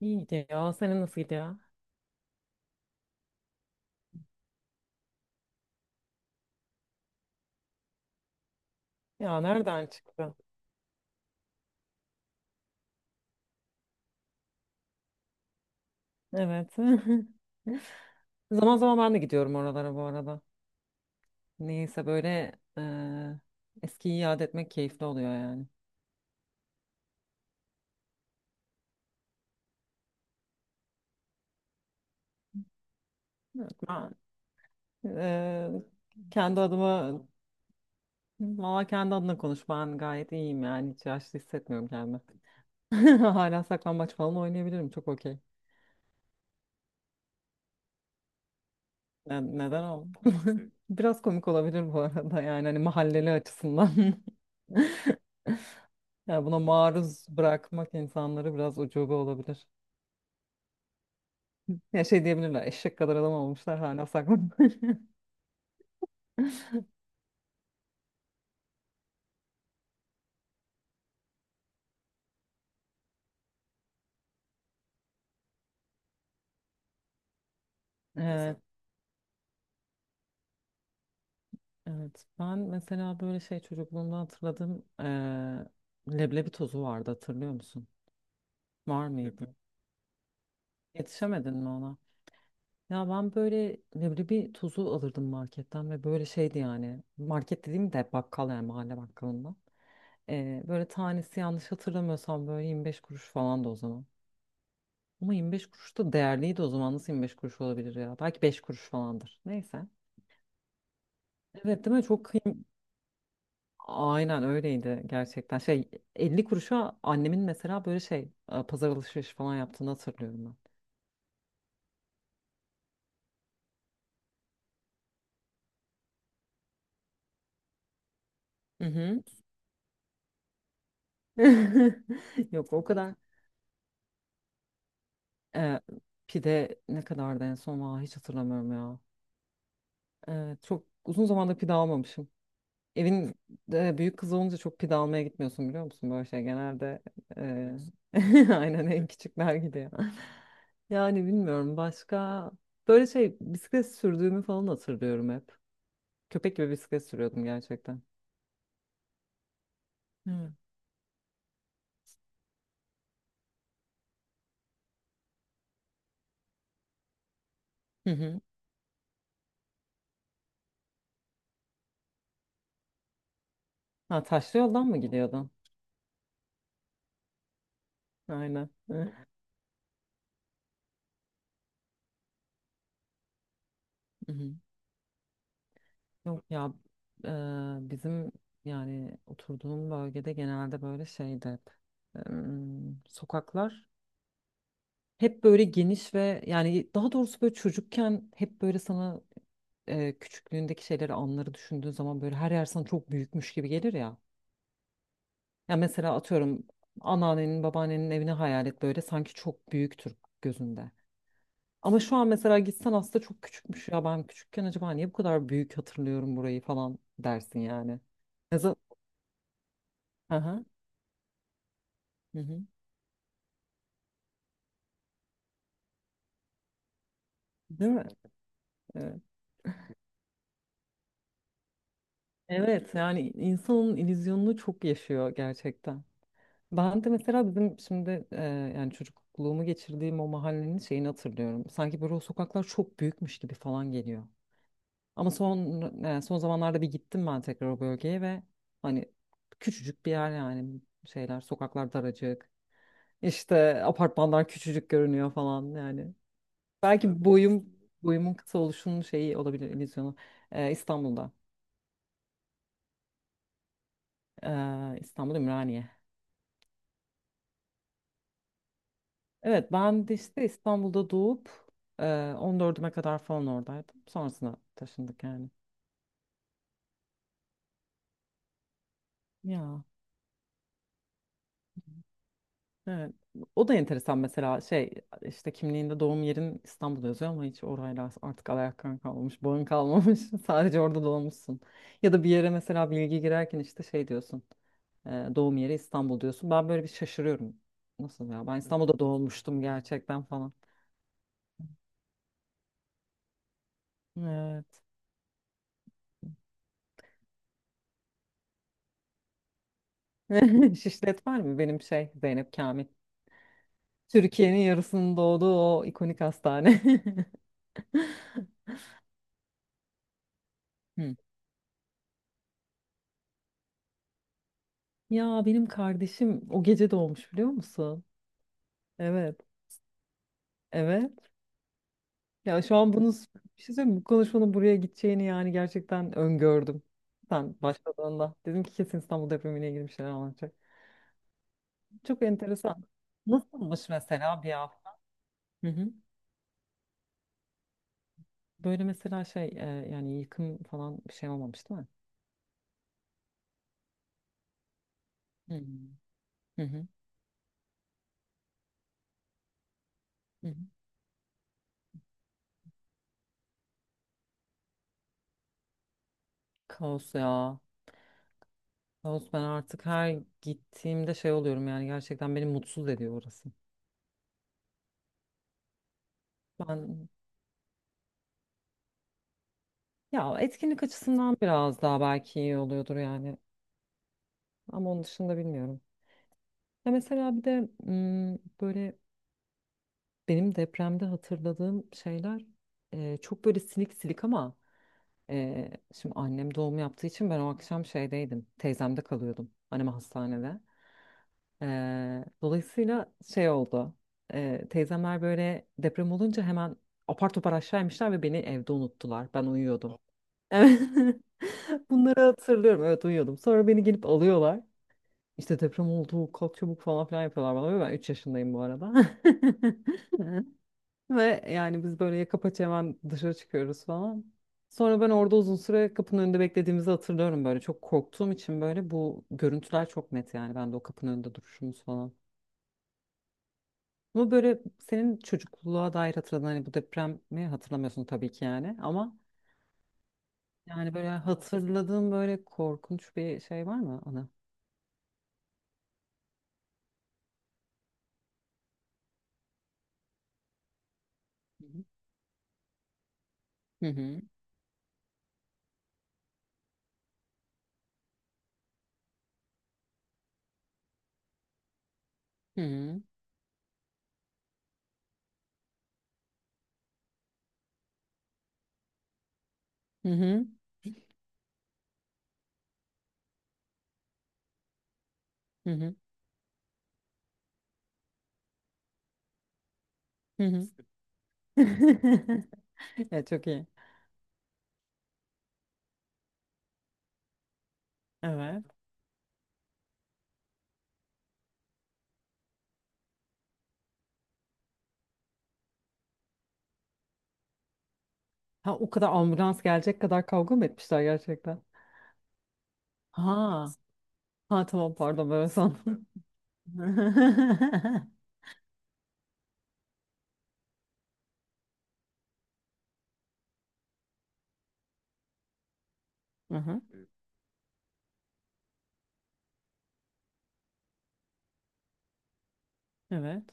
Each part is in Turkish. İyi gidiyor. Senin nasıl gidiyor? Ya nereden çıktı? Evet. Zaman zaman ben de gidiyorum oralara bu arada. Neyse böyle eee eskiyi yad etmek keyifli oluyor yani. Ben eee, kendi adıma valla kendi adına konuş. Ben gayet iyiyim yani. Hiç yaşlı hissetmiyorum kendimi. Hala saklambaç falan oynayabilirim. Çok okey. Neden oldu? Biraz komik olabilir bu arada yani hani mahalleli açısından. Yani buna maruz bırakmak insanları biraz ucube olabilir. Ya şey diyebilirler, eşek kadar adam olmuşlar hala saklanıyor. Evet, evet. Ben mesela böyle şey çocukluğumda hatırladığım leblebi tozu vardı hatırlıyor musun? Var mıydı? Yetişemedin mi ona? Ya ben böyle leblebi tozu alırdım marketten ve böyle şeydi yani. Market dediğim de bakkal yani mahalle bakkalından. Böyle tanesi yanlış hatırlamıyorsam böyle 25 kuruş falan da o zaman. Ama 25 kuruş da değerliydi o zaman. Nasıl 25 kuruş olabilir ya? Belki 5 kuruş falandır. Neyse. Evet değil mi? Çok kıym Aynen öyleydi gerçekten. 50 kuruşa annemin mesela böyle pazar alışverişi falan yaptığını hatırlıyorum ben. Hı hı. Yok o kadar. E, pide ne kadardı en son? Aa, hiç hatırlamıyorum ya. Evet, çok uzun zamandır pide almamışım. Evin büyük kızı olunca çok pide almaya gitmiyorsun biliyor musun? Böyle şey genelde e, aynen en küçükler gidiyor. Yani bilmiyorum başka böyle şey bisiklet sürdüğümü falan hatırlıyorum hep. Köpek gibi bisiklet sürüyordum gerçekten. Evet. Hı hı. Ha, taşlı yoldan mı gidiyordun? Aynen. Hı hı. hı. Yok ya, bizim yani oturduğum bölgede genelde böyle şeydi hep. Sokaklar hep böyle geniş ve yani daha doğrusu böyle çocukken hep böyle sana küçüklüğündeki şeyleri, anları düşündüğün zaman böyle her yer sana çok büyükmüş gibi gelir ya. Ya mesela atıyorum anneannenin, babaannenin evini hayal et böyle sanki çok büyüktür gözünde. Ama şu an mesela gitsen aslında çok küçükmüş ya ben küçükken acaba niye bu kadar büyük hatırlıyorum burayı falan dersin yani. Ya za- Aha, hı hı. Değil mi? Evet. Evet yani insanın illüzyonunu çok yaşıyor gerçekten. Ben de mesela bizim şimdi yani çocukluğumu geçirdiğim o mahallenin şeyini hatırlıyorum. Sanki böyle o sokaklar çok büyükmüş gibi falan geliyor. Ama son zamanlarda bir gittim ben tekrar o bölgeye ve hani küçücük bir yer yani şeyler sokaklar daracık. İşte apartmanlar küçücük görünüyor falan yani. Belki boyumun kısa oluşunun şeyi olabilir illüzyonu. İstanbul'da. İstanbul Ümraniye. Evet ben de işte İstanbul'da doğup e, 14'üme kadar falan oradaydım. Sonrasına taşındık yani. Ya evet. O da enteresan mesela şey işte kimliğinde doğum yerin İstanbul'da yazıyor ama hiç orayla artık alakan kalmamış, bağın kalmamış. Sadece orada doğmuşsun. Ya da bir yere mesela bilgi girerken işte şey diyorsun. e, Doğum yeri İstanbul diyorsun. Ben böyle bir şaşırıyorum. Nasıl ya? Ben İstanbul'da doğmuştum gerçekten falan. Evet. Şişlet var mı? Benim şey Zeynep Kamil. Türkiye'nin yarısının doğduğu o ikonik hastane. Hı. Ya benim kardeşim o gece doğmuş biliyor musun? Evet. Evet. Ya şu an bunu bir şey söyleyeyim mi? Bu konuşmanın buraya gideceğini yani gerçekten öngördüm. Sen başladığında. Dedim ki kesin İstanbul depremiyle ilgili bir şeyler anlatacak. Çok enteresan. Nasılmış mesela bir hafta? Hı hı. Böyle mesela şey yani yıkım falan bir şey olmamış değil mi? Hı hı. Hı hı. Hı hı. Kaos ya. Ağustos ben artık her gittiğimde şey oluyorum yani gerçekten beni mutsuz ediyor orası. Ben ya etkinlik açısından biraz daha belki iyi oluyordur yani ama onun dışında bilmiyorum. Ya mesela bir de böyle benim depremde hatırladığım şeyler çok böyle silik silik ama şimdi annem doğum yaptığı için ben o akşam şeydeydim teyzemde kalıyordum annem hastanede. Dolayısıyla şey oldu. Teyzemler böyle deprem olunca hemen apar topar aşağı inmişler ve beni evde unuttular. Ben uyuyordum. Evet. Bunları hatırlıyorum. Evet uyuyordum. Sonra beni gelip alıyorlar. İşte deprem oldu, kalk çabuk falan filan yapıyorlar bana. Ve ben 3 yaşındayım bu arada. Ve yani biz böyle yaka paça hemen dışarı çıkıyoruz falan. Sonra ben orada uzun süre kapının önünde beklediğimizi hatırlıyorum böyle. Çok korktuğum için böyle bu görüntüler çok net yani. Ben de o kapının önünde duruşumuz falan. Ama böyle senin çocukluğa dair hatırladığın hani bu depremi hatırlamıyorsun tabii ki yani ama yani böyle hatırladığın böyle korkunç bir şey var mı ana? Hı hı. Hı hı. Hı hı. Hı hı. Hı hı. Evet çok iyi. Evet. Ha o kadar ambulans gelecek kadar kavga mı etmişler gerçekten? Ha. Ha tamam pardon böyle sandım. Hı hı. Evet.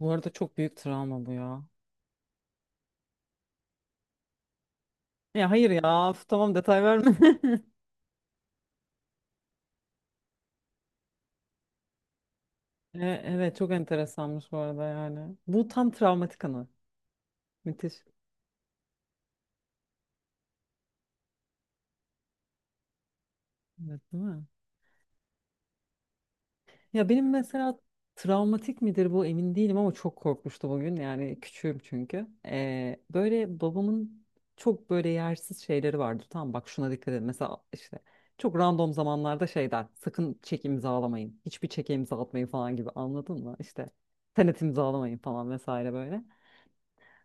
Bu arada çok büyük travma bu ya. Ya hayır ya. Of, tamam detay verme. E, evet çok enteresanmış bu arada yani. Bu tam travmatik anı. Müthiş. Evet değil mi? Ya benim mesela travmatik midir bu emin değilim ama çok korkmuştu bugün. Yani küçüğüm çünkü. Böyle babamın çok böyle yersiz şeyleri vardı. Tamam bak şuna dikkat edin. Mesela işte çok random zamanlarda şey der. Sakın çek imzalamayın. Hiçbir çeke imza atmayın falan gibi anladın mı? İşte senet imzalamayın falan vesaire böyle.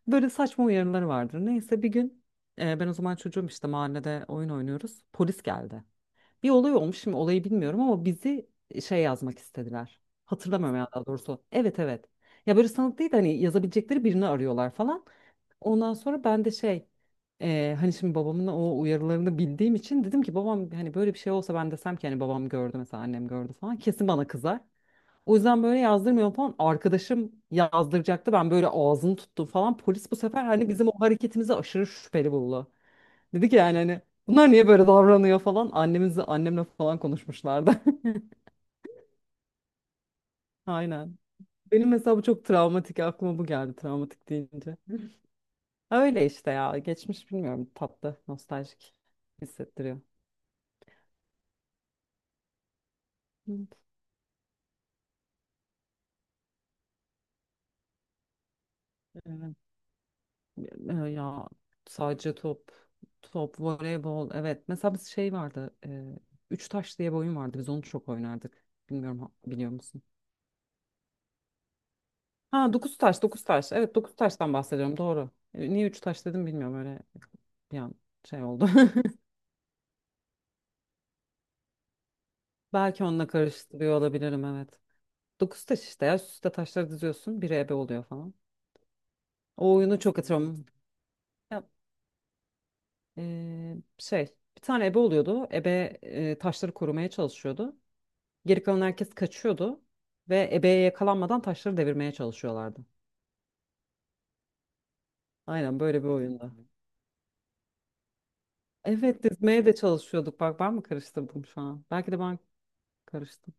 Böyle saçma uyarıları vardır. Neyse bir gün ben o zaman çocuğum işte mahallede oyun oynuyoruz. Polis geldi. Bir olay olmuş şimdi olayı bilmiyorum ama bizi şey yazmak istediler. Hatırlamıyorum ya daha doğrusu. Evet, evet. Ya böyle sanık değil de hani yazabilecekleri birini arıyorlar falan. Ondan sonra ben de hani şimdi babamın o uyarılarını bildiğim için dedim ki babam hani böyle bir şey olsa ben desem ki hani babam gördü mesela annem gördü falan kesin bana kızar. O yüzden böyle yazdırmıyor falan. Arkadaşım yazdıracaktı. Ben böyle ağzını tuttum falan. Polis bu sefer hani bizim o hareketimizi aşırı şüpheli buldu. Dedi ki yani hani bunlar niye böyle davranıyor falan. Annemle falan konuşmuşlardı. Aynen. Benim mesela bu çok travmatik. Aklıma bu geldi travmatik deyince. Öyle işte ya. Geçmiş bilmiyorum. Tatlı, nostaljik hissettiriyor. Evet. Ya sadece top, voleybol. Evet. Mesela biz şey vardı. Üç taş diye bir oyun vardı. Biz onu çok oynardık. Bilmiyorum, biliyor musun? Ha, dokuz taş, dokuz taş. Evet dokuz taştan bahsediyorum. Doğru. Niye üç taş dedim bilmiyorum. Öyle bir an şey oldu. Belki onunla karıştırıyor olabilirim. Evet. Dokuz taş işte ya. Üst üste taşları diziyorsun. Biri ebe oluyor falan. O oyunu çok hatırlıyorum. Ya, e, şey bir tane ebe oluyordu. Ebe taşları korumaya çalışıyordu. Geri kalan herkes kaçıyordu ve ebeye yakalanmadan taşları devirmeye çalışıyorlardı. Aynen böyle bir oyunda. Evet dizmeye de çalışıyorduk. Bak ben mi karıştırdım şu an? Belki de ben karıştım.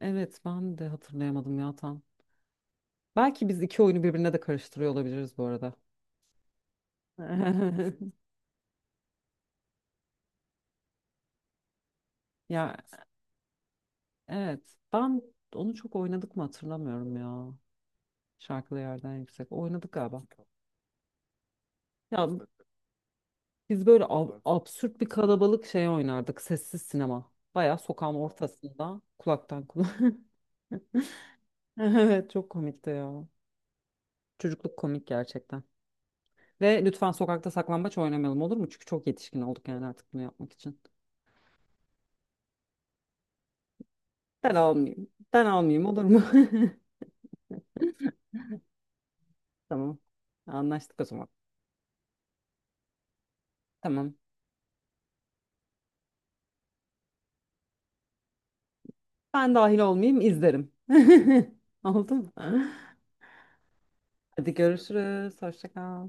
Evet ben de hatırlayamadım ya tam. Belki biz iki oyunu birbirine de karıştırıyor olabiliriz bu arada. Ya evet, ben onu çok oynadık mı hatırlamıyorum ya. Şarkılı yerden yüksek. Oynadık galiba. Ya biz böyle absürt bir kalabalık şey oynardık. Sessiz sinema. Bayağı sokağın ortasında kulaktan kulağa. Evet çok komikti ya. Çocukluk komik gerçekten. Ve lütfen sokakta saklambaç oynamayalım olur mu? Çünkü çok yetişkin olduk yani artık bunu yapmak için. Ben almayayım. Ben almayayım olur mu? Tamam. Anlaştık o zaman. Tamam. Ben dahil olmayayım izlerim. Oldu mu? Hadi görüşürüz. Hoşça kal.